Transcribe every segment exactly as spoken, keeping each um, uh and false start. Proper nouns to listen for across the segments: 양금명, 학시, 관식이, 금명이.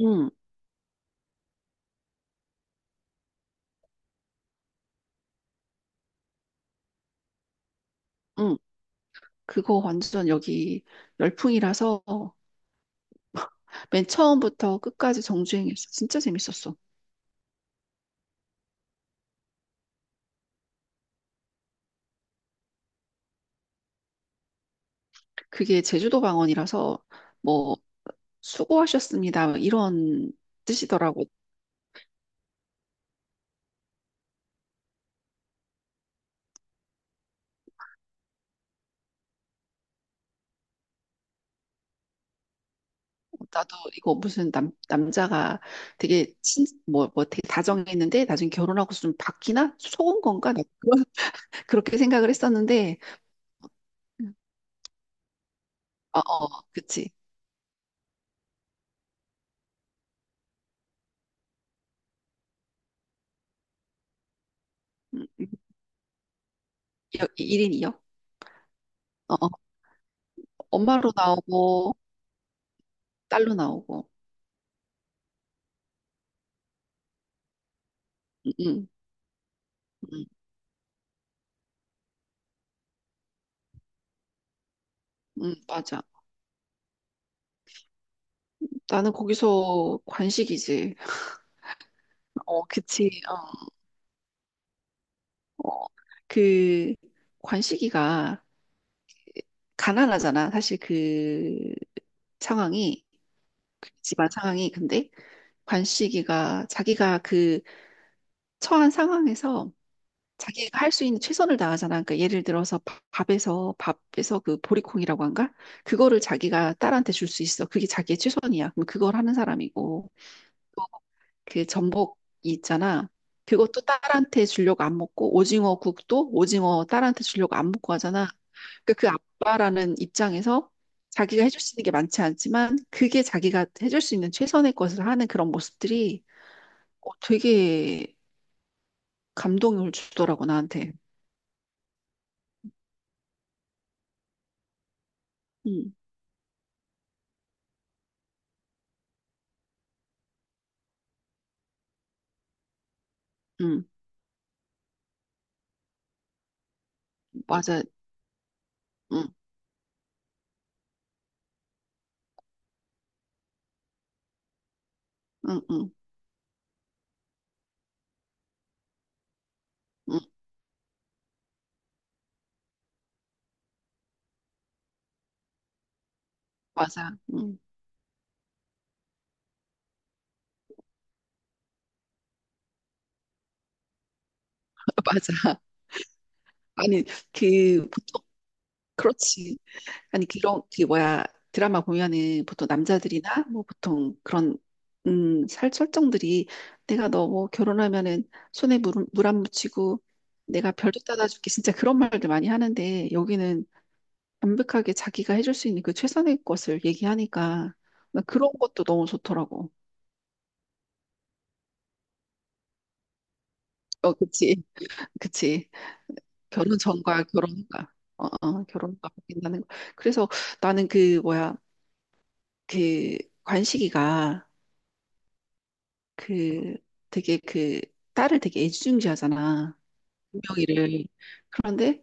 응, 응. 그거 완전 여기 열풍이라서 맨 처음부터 끝까지 정주행했어. 진짜 재밌었어. 그게 제주도 방언이라서 뭐 수고하셨습니다 뭐 이런 뜻이더라고. 나도 이거 무슨 남 남자가 되게 친뭐뭐 되게 다정했는데 나중에 결혼하고서 좀 바뀌나 속은 건가 나 그런 그렇게 생각을 했었는데 어, 어, 그치. 음, 음. 일 인이요. 어, 어. 엄마로 나오고, 딸로 나오고. 응, 응, 응. 응, 맞아. 나는 거기서 관식이지. 어, 그치. 어, 어. 그 관식이가 가난하잖아. 사실 그 상황이, 그 집안 상황이. 근데 관식이가 자기가 그 처한 상황에서 자기가 할 수 있는 최선을 다하잖아. 그러니까 예를 들어서 밥- 밥에서 밥에서 그 보리콩이라고 한가? 그거를 자기가 딸한테 줄 수 있어. 그게 자기의 최선이야. 그럼 그걸 하는 사람이고. 그 전복 있잖아. 그것도 딸한테 주려고 안 먹고 오징어 국도 오징어 딸한테 주려고 안 먹고 하잖아. 그러니까 그 아빠라는 입장에서 자기가 해줄 수 있는 게 많지 않지만 그게 자기가 해줄 수 있는 최선의 것을 하는 그런 모습들이 어, 되게 감동을 주더라고 나한테. 응, 응, 맞아. 응, 응, 응, 응, 맞아. 응, 맞아. 아니 그 보통. 그렇지. 아니 그런 그 뭐야 드라마 보면은 보통 남자들이나 뭐 보통 그런 음살 설정들이 내가 너 뭐 결혼하면은 손에 물물안 묻히고 내가 별도 따다줄게 진짜 그런 말들 많이 하는데 여기는 완벽하게 자기가 해줄 수 있는 그 최선의 것을 얘기하니까 나 그런 것도 너무 좋더라고. 어, 그치. 그치. 결혼 전과 결혼 후가 어, 어 결혼과 바뀐다는 거. 그래서 나는 그 뭐야 그 관식이가 그 되게 그 딸을 되게 애지중지하잖아. 금명이를. 그런데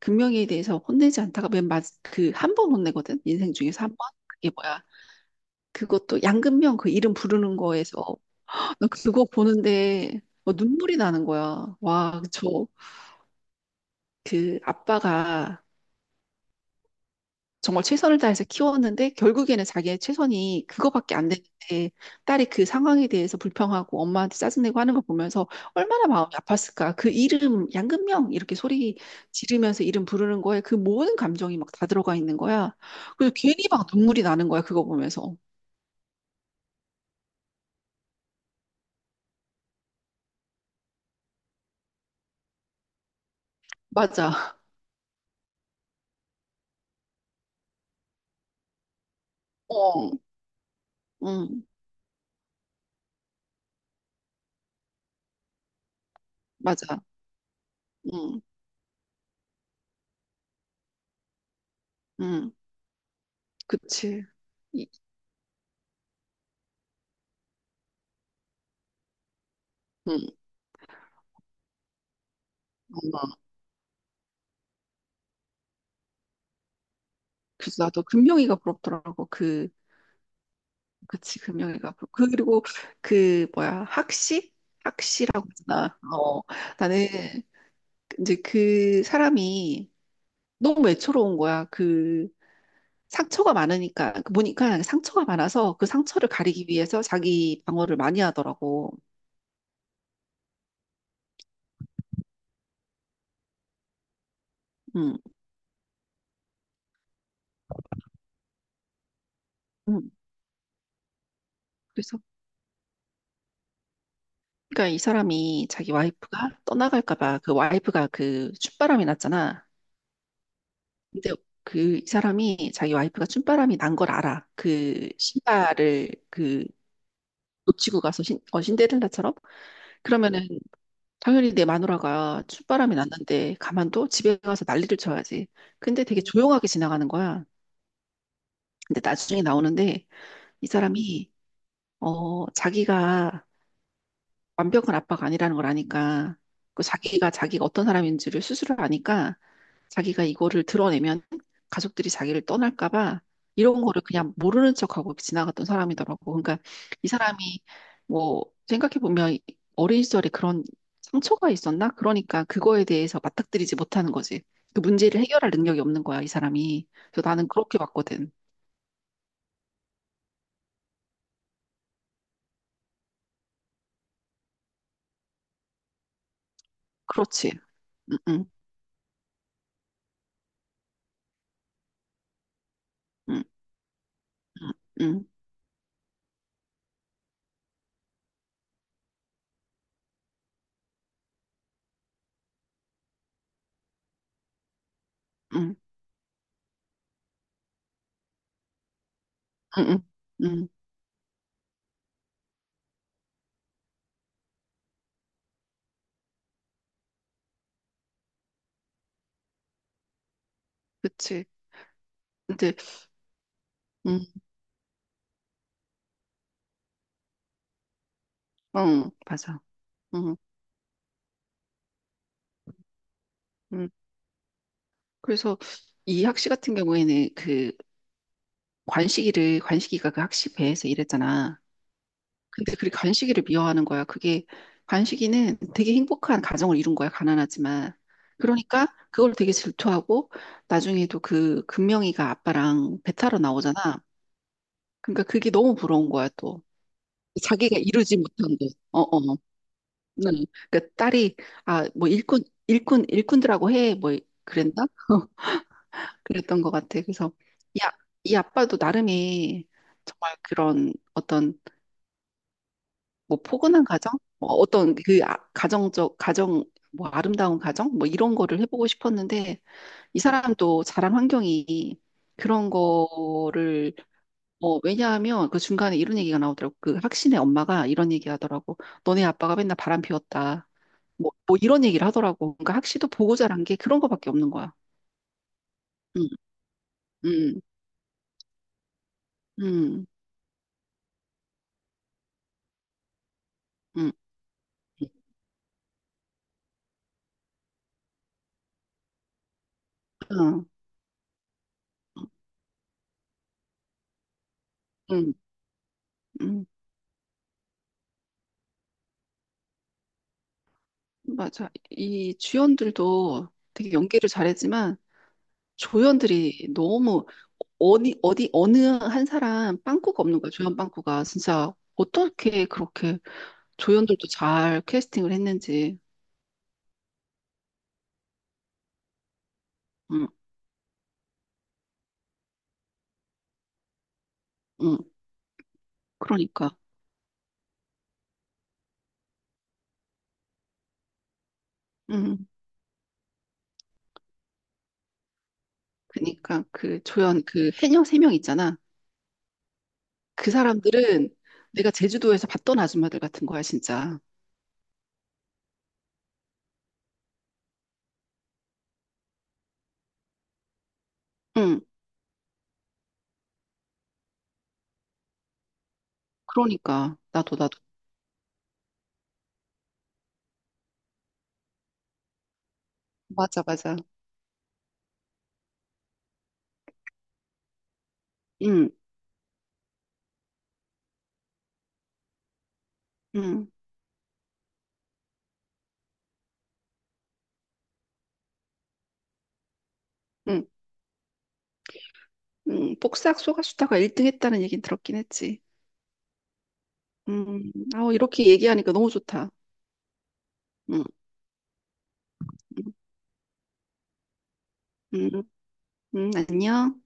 금명이에 대해서 혼내지 않다가 맨 마지 그한 번 혼내거든. 인생 중에서 한 번. 그게 뭐야? 그것도 양금명 그 이름 부르는 거에서 어, 나 그거 보는데 뭐 눈물이 나는 거야. 와, 저 그 아빠가 정말 최선을 다해서 키웠는데 결국에는 자기의 최선이 그거밖에 안 되는데 딸이 그 상황에 대해서 불평하고 엄마한테 짜증내고 하는 거 보면서 얼마나 마음이 아팠을까. 그 이름 양금명 이렇게 소리 지르면서 이름 부르는 거에 그 모든 감정이 막 다 들어가 있는 거야. 그래서 괜히 막 눈물이 나는 거야. 그거 보면서. 맞아. 어, 응, 맞아. 응, 응, 그치. 이- 응, 응. 그래서 나도 금명이가 부럽더라고. 그 그치, 금요일과 그- 그리고 그 뭐야 학시? 학시라고 했나? 어, 나는 이제 그 사람이 너무 외로운 거야. 그 상처가 많으니까 그 보니까 상처가 많아서 그 상처를 가리기 위해서 자기 방어를 많이 하더라고. 음, 음. 그래서 그러니까 이 사람이 자기 와이프가 떠나갈까 봐 그 와이프가 그 춥바람이 났잖아. 근데 그 이 사람이 자기 와이프가 춤바람이 난 걸 알아. 그 신발을 그 놓치고 가서 신, 어, 신데렐라처럼? 그러면은 당연히 내 마누라가 춥바람이 났는데 가만둬? 집에 가서 난리를 쳐야지. 근데 되게 조용하게 지나가는 거야. 근데 나중에 나오는데 이 사람이 어, 자기가 완벽한 아빠가 아니라는 걸 아니까 그 자기가 자기가 어떤 사람인지를 스스로 아니까 자기가 이거를 드러내면 가족들이 자기를 떠날까 봐 이런 거를 그냥 모르는 척하고 지나갔던 사람이더라고. 그러니까 이 사람이 뭐 생각해 보면 어린 시절에 그런 상처가 있었나? 그러니까 그거에 대해서 맞닥뜨리지 못하는 거지. 그 문제를 해결할 능력이 없는 거야, 이 사람이. 그래서 나는 그렇게 봤거든. 그렇지. 응, 응, 응, 응, 응, 응, 응, 응, 응. 그치. 근데 음, 응, 맞아. 응, 응. 그래서 이 학시 같은 경우에는 그 관식이를, 관식이가 그 학시 배에서 일했잖아. 근데 그 관식이를 미워하는 거야. 그게, 관식이는 되게 행복한 가정을 이룬 거야. 가난하지만. 그러니까 그걸 되게 질투하고 나중에도 그 금명이가 아빠랑 배 타러 나오잖아. 그러니까 그게 너무 부러운 거야, 또. 자기가 이루지 못한 게. 어, 어. 응. 그러니까 딸이, 아, 뭐 일꾼, 일꾼, 일꾼들하고 해. 뭐 그랬나? 그랬던 것 같아. 그래서 이, 아, 이 아빠도 나름의 정말 그런 어떤 뭐 포근한 가정, 뭐 어떤 그 아- 가정적 가정 뭐 아름다운 가정 뭐 이런 거를 해보고 싶었는데 이 사람도 자란 환경이 그런 거를 뭐. 왜냐하면 그 중간에 이런 얘기가 나오더라고. 그 학신의 엄마가 이런 얘기 하더라고. 너네 아빠가 맨날 바람 피웠다. 뭐, 뭐 이런 얘기를 하더라고. 그러니까 학시도 보고 자란 게 그런 거밖에 없는 거야. 응, 응, 응, 응. 응. 응. 음, 음, 맞아. 이 주연들도 되게 연기를 잘했지만 조연들이 너무 어디 어디 어느 한 사람 빵꾸가 없는 거야. 조연 빵꾸가 진짜 어떻게 그렇게 조연들도 잘 캐스팅을 했는지. 응, 응. 그러니까, 응. 그러니까 그 조연 그 해녀 세 명 있잖아. 그 사람들은 내가 제주도에서 봤던 아줌마들 같은 거야, 진짜. 응. 그러니까 나도 나도 맞아, 맞아. 응응응. 음, 복사학 소가수다가 일 등 했다는 얘긴 들었긴 했지. 음, 아, 이렇게 얘기하니까 너무 좋다. 음, 음, 음, 음, 안녕.